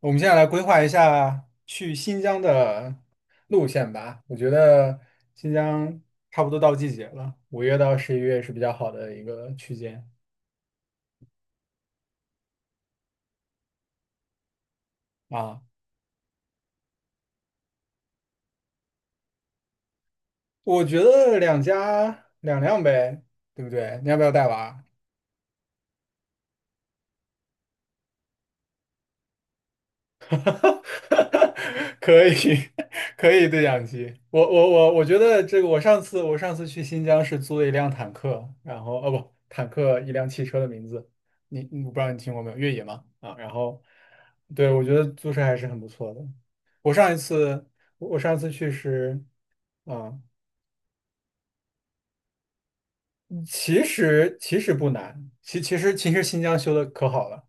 我们现在来规划一下去新疆的路线吧。我觉得新疆差不多到季节了，5月到11月是比较好的一个区间啊。我觉得两家两辆呗，对不对？你要不要带娃？可以，可以对讲机。我觉得这个，我上次去新疆是租了一辆坦克，然后哦不，坦克一辆汽车的名字，我不知道你听过没有？越野嘛啊，然后对我觉得租车还是很不错的。我上一次我我上次去是啊，嗯其实不难，其实新疆修的可好了，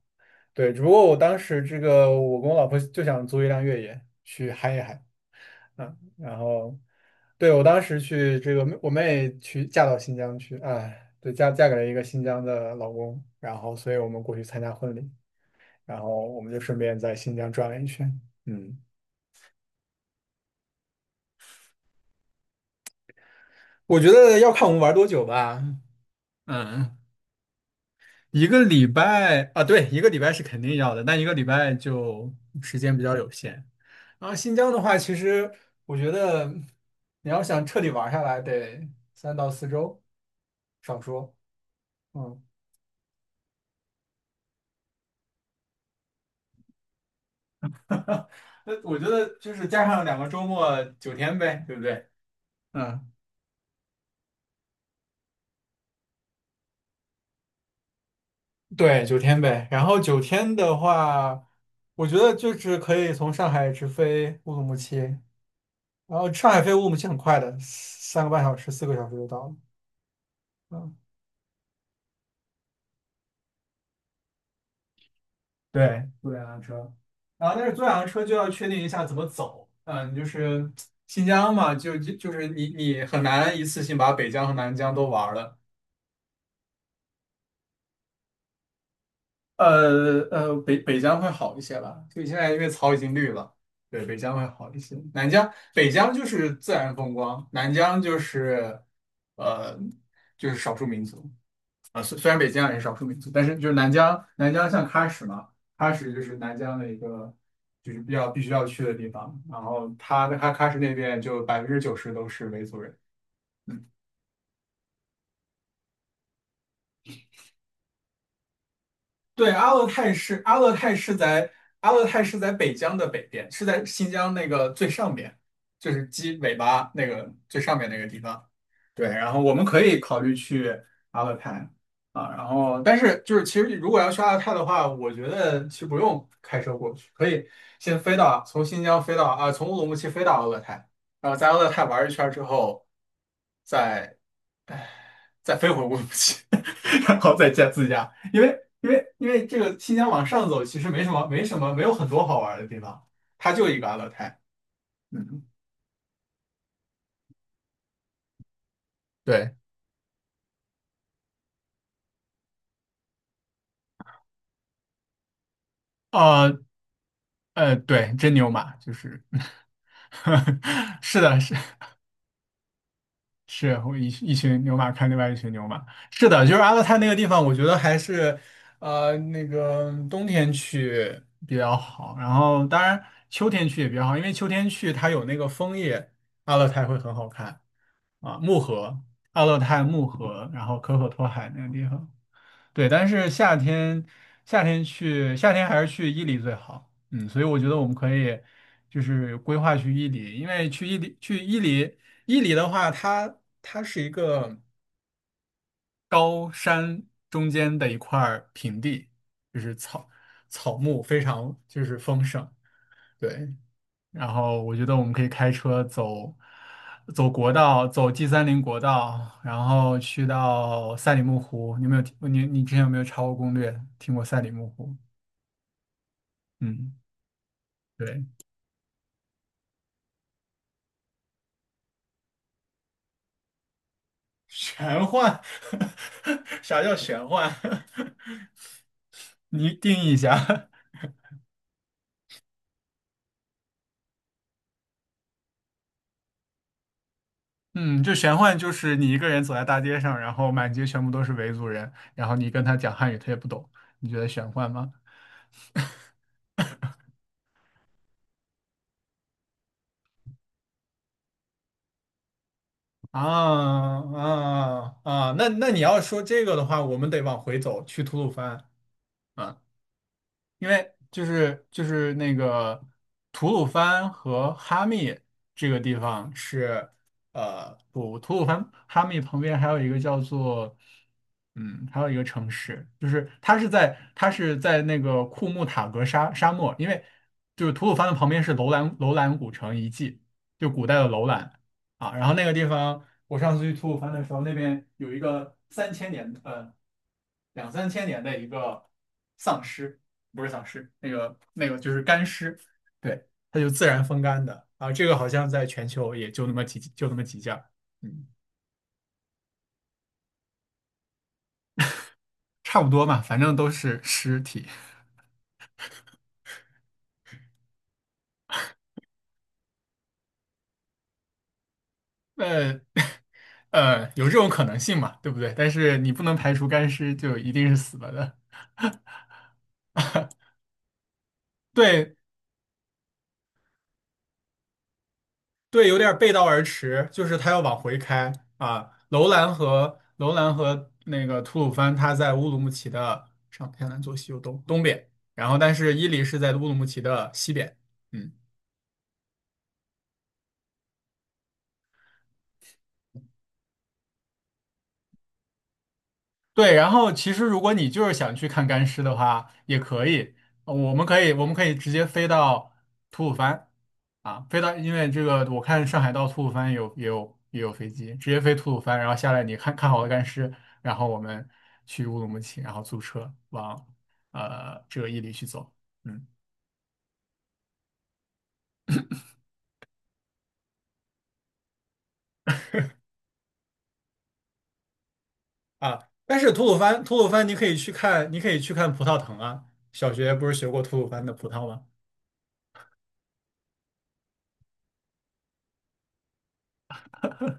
对，只不过我当时这个我跟我老婆就想租一辆越野去嗨一嗨。然后对我当时去这个，我妹去嫁到新疆去，哎，对，嫁给了一个新疆的老公，然后所以我们过去参加婚礼，然后我们就顺便在新疆转了一圈。嗯，我觉得要看我们玩多久吧。嗯，一个礼拜啊，对，一个礼拜是肯定要的，但一个礼拜就时间比较有限。然后新疆的话，其实我觉得你要想彻底玩下来，得3到4周，少说。嗯。那我觉得就是加上2个周末，九天呗，对不对？嗯，对，九天呗。然后九天的话，我觉得就是可以从上海直飞乌鲁木齐，然后上海飞乌鲁木齐很快的，3个半小时、4个小时就到了。嗯，对，坐两辆车。然后但是坐两辆车就要确定一下怎么走。嗯，就是新疆嘛，就是你很难一次性把北疆和南疆都玩了。北疆会好一些吧，所以现在因为草已经绿了，对，北疆会好一些。南疆，北疆就是自然风光，南疆就是呃就是少数民族啊，虽然北疆也是少数民族，但是就是南疆，南疆像喀什嘛，喀什就是南疆的一个就是比较必须要去的地方，然后它的喀什那边就90%都是维族人。对，阿勒泰是在北疆的北边，是在新疆那个最上边，就是鸡尾巴那个最上面那个地方。对，然后我们可以考虑去阿勒泰啊，然后但是就是其实如果要去阿勒泰的话，我觉得其实不用开车过去，可以先飞到从新疆飞到啊，从乌鲁木齐飞到阿勒泰，然后在阿勒泰玩一圈之后，再再飞回乌鲁木齐，然后再加自驾，因为这个新疆往上走其实没什么没什么没有很多好玩的地方，它就一个阿勒泰。嗯，对，呃对，真牛马，就是 是的，是。是会一群牛马看另外一群牛马，是的，就是阿勒泰那个地方，我觉得还是那个冬天去比较好，然后当然秋天去也比较好，因为秋天去它有那个枫叶，阿勒泰会很好看啊，木河、阿勒泰木河，然后可可托海那个地方。对，但是夏天还是去伊犁最好。嗯，所以我觉得我们可以就是规划去伊犁，因为去伊犁去伊犁伊犁的话，它是一个高山中间的一块儿平地，就是草木非常就是丰盛。对，然后我觉得我们可以开车走国道，走 G 三零国道，然后去到赛里木湖。你有没有听？你之前有没有查过攻略？听过赛里木湖？嗯，对，玄幻，啥叫玄幻？你定义一下。嗯，就玄幻就是你一个人走在大街上，然后满街全部都是维族人，然后你跟他讲汉语，他也不懂。你觉得玄幻吗？啊啊啊！啊那你要说这个的话，我们得往回走，去吐鲁番啊。因为就是那个吐鲁番和哈密这个地方是不吐鲁番哈密旁边还有一个叫做还有一个城市，就是它是在那个库木塔格沙漠，因为就是吐鲁番的旁边是楼兰古城遗迹，就古代的楼兰啊，然后那个地方我上次去吐鲁番的时候，那边有一个三千年两三千年的一个丧尸。不是丧尸，那个就是干尸，对，它就自然风干的啊。这个好像在全球也就那么几就那么几件儿，嗯，差不多嘛，反正都是尸体。那有这种可能性嘛，对不对？但是你不能排除干尸就一定是死了的。对对，有点背道而驰，就是他要往回开啊。楼兰和那个吐鲁番，他在乌鲁木齐的上天南左西右东边，然后但是伊犁是在乌鲁木齐的西边。嗯。对，然后其实如果你就是想去看干尸的话，也可以，我们可以直接飞到吐鲁番啊，飞到，因为这个我看上海到吐鲁番也有飞机，直接飞吐鲁番，然后下来你看看好了干尸，然后我们去乌鲁木齐，然后租车往这个伊犁去走，嗯啊，但是吐鲁番你可以去看，你可以去看葡萄藤啊，小学不是学过吐鲁番的葡萄吗？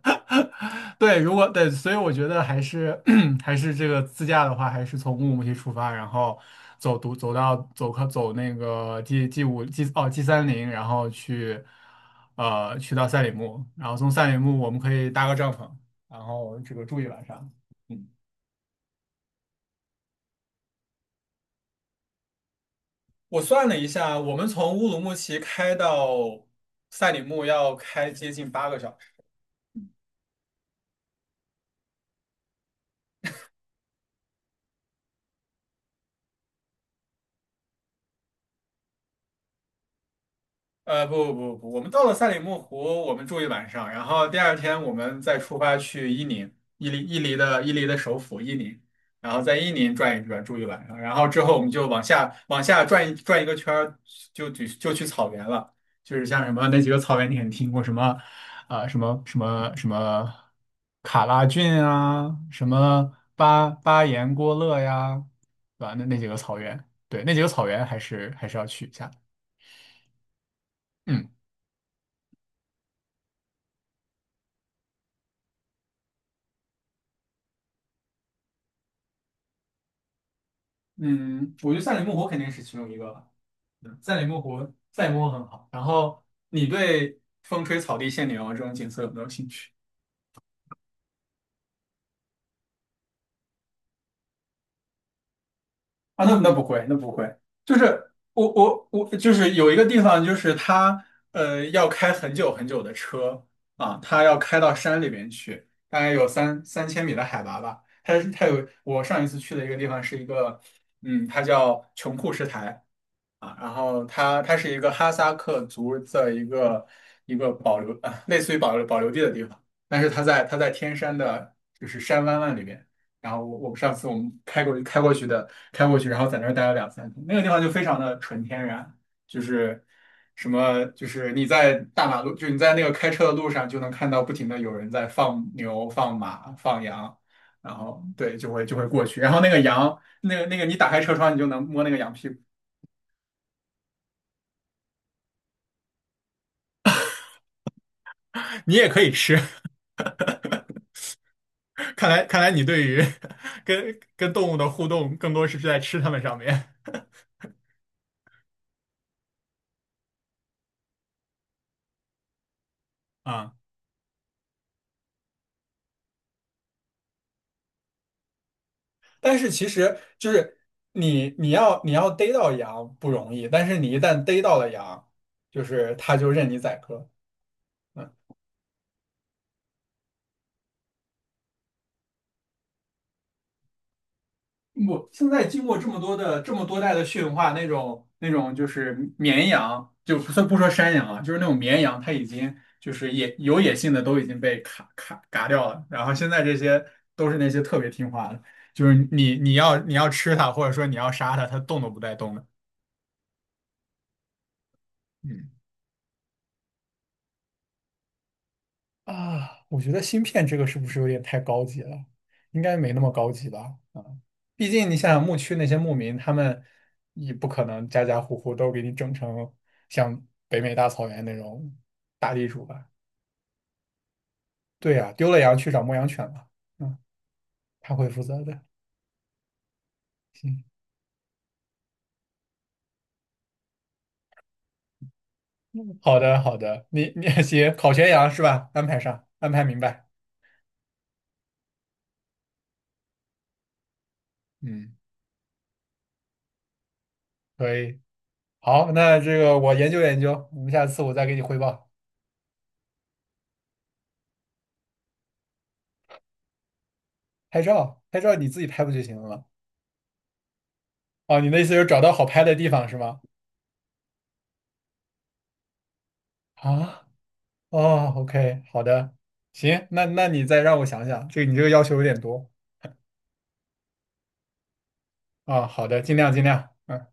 对，如果对，所以我觉得还是 还是这个自驾的话，还是从乌鲁木齐出发，然后走独走到走靠走那个 G G 五 G 哦 G30，然后去去到赛里木，然后从赛里木我们可以搭个帐篷，然后这个住一晚上。嗯，我算了一下，我们从乌鲁木齐开到赛里木要开接近8个小时。不不不，我们到了赛里木湖，我们住一晚上，然后第二天我们再出发去伊宁，伊犁的首府伊宁，然后在伊宁转一转，住一晚上，然后之后我们就往下转一转一个圈儿，就去草原了，就是像什么那几个草原，你肯定听过什么，啊、什么卡拉峻啊，什么巴彦郭勒呀，对吧？那几个草原，对，那几个草原还是要去一下。嗯。嗯，我觉得《赛里木湖》肯定是其中一个吧。嗯赛里木湖》《赛里木湖》很好。然后你对风吹草低见牛这种景色有没有兴趣？啊，那不会，那不会。就是我，就是有一个地方，就是它要开很久很久的车啊，它要开到山里面去，大概有3000米的海拔吧。它它有我上一次去的一个地方是一个，它叫琼库什台。啊，然后它是一个哈萨克族的一个保留啊，类似于保留地的地方，但是它在天山的，就是山湾湾里面。然后我上次我们开过去的，开过去，然后在那儿待了两三天，那个地方就非常的纯天然，就是你在大马路，就是你在那个开车的路上就能看到不停的有人在放牛、放马、放羊，然后对就会过去，然后那个羊，那个你打开车窗你就能摸那个羊屁股。你也可以吃，看来你对于 跟动物的互动更多是在吃它们上面啊。但是其实就是你要逮到羊不容易，但是你一旦逮到了羊，就是它就任你宰割。我现在经过这么多代的驯化，那种就是绵羊，就不算不说山羊啊，就是那种绵羊，它已经就是有野性的都已经被卡嘎掉了。然后现在这些都是那些特别听话的，就是你要吃它，或者说你要杀它，它动都不带动的。嗯，啊，我觉得芯片这个是不是有点太高级了？应该没那么高级吧？毕竟你想想牧区那些牧民，他们也不可能家家户户都给你整成像北美大草原那种大地主吧？对呀、丢了羊去找牧羊犬吧，嗯，他会负责的。行，嗯好的好的，你 行，烤全羊是吧？安排上，安排明白。嗯，可以。好，那这个我研究研究，我们下次我再给你汇报。拍照，拍照你自己拍不就行了吗？哦，你的意思就是找到好拍的地方是吗？啊。哦，OK,好的，行，那你再让我想想，你这个要求有点多啊，好的，尽量尽量。嗯。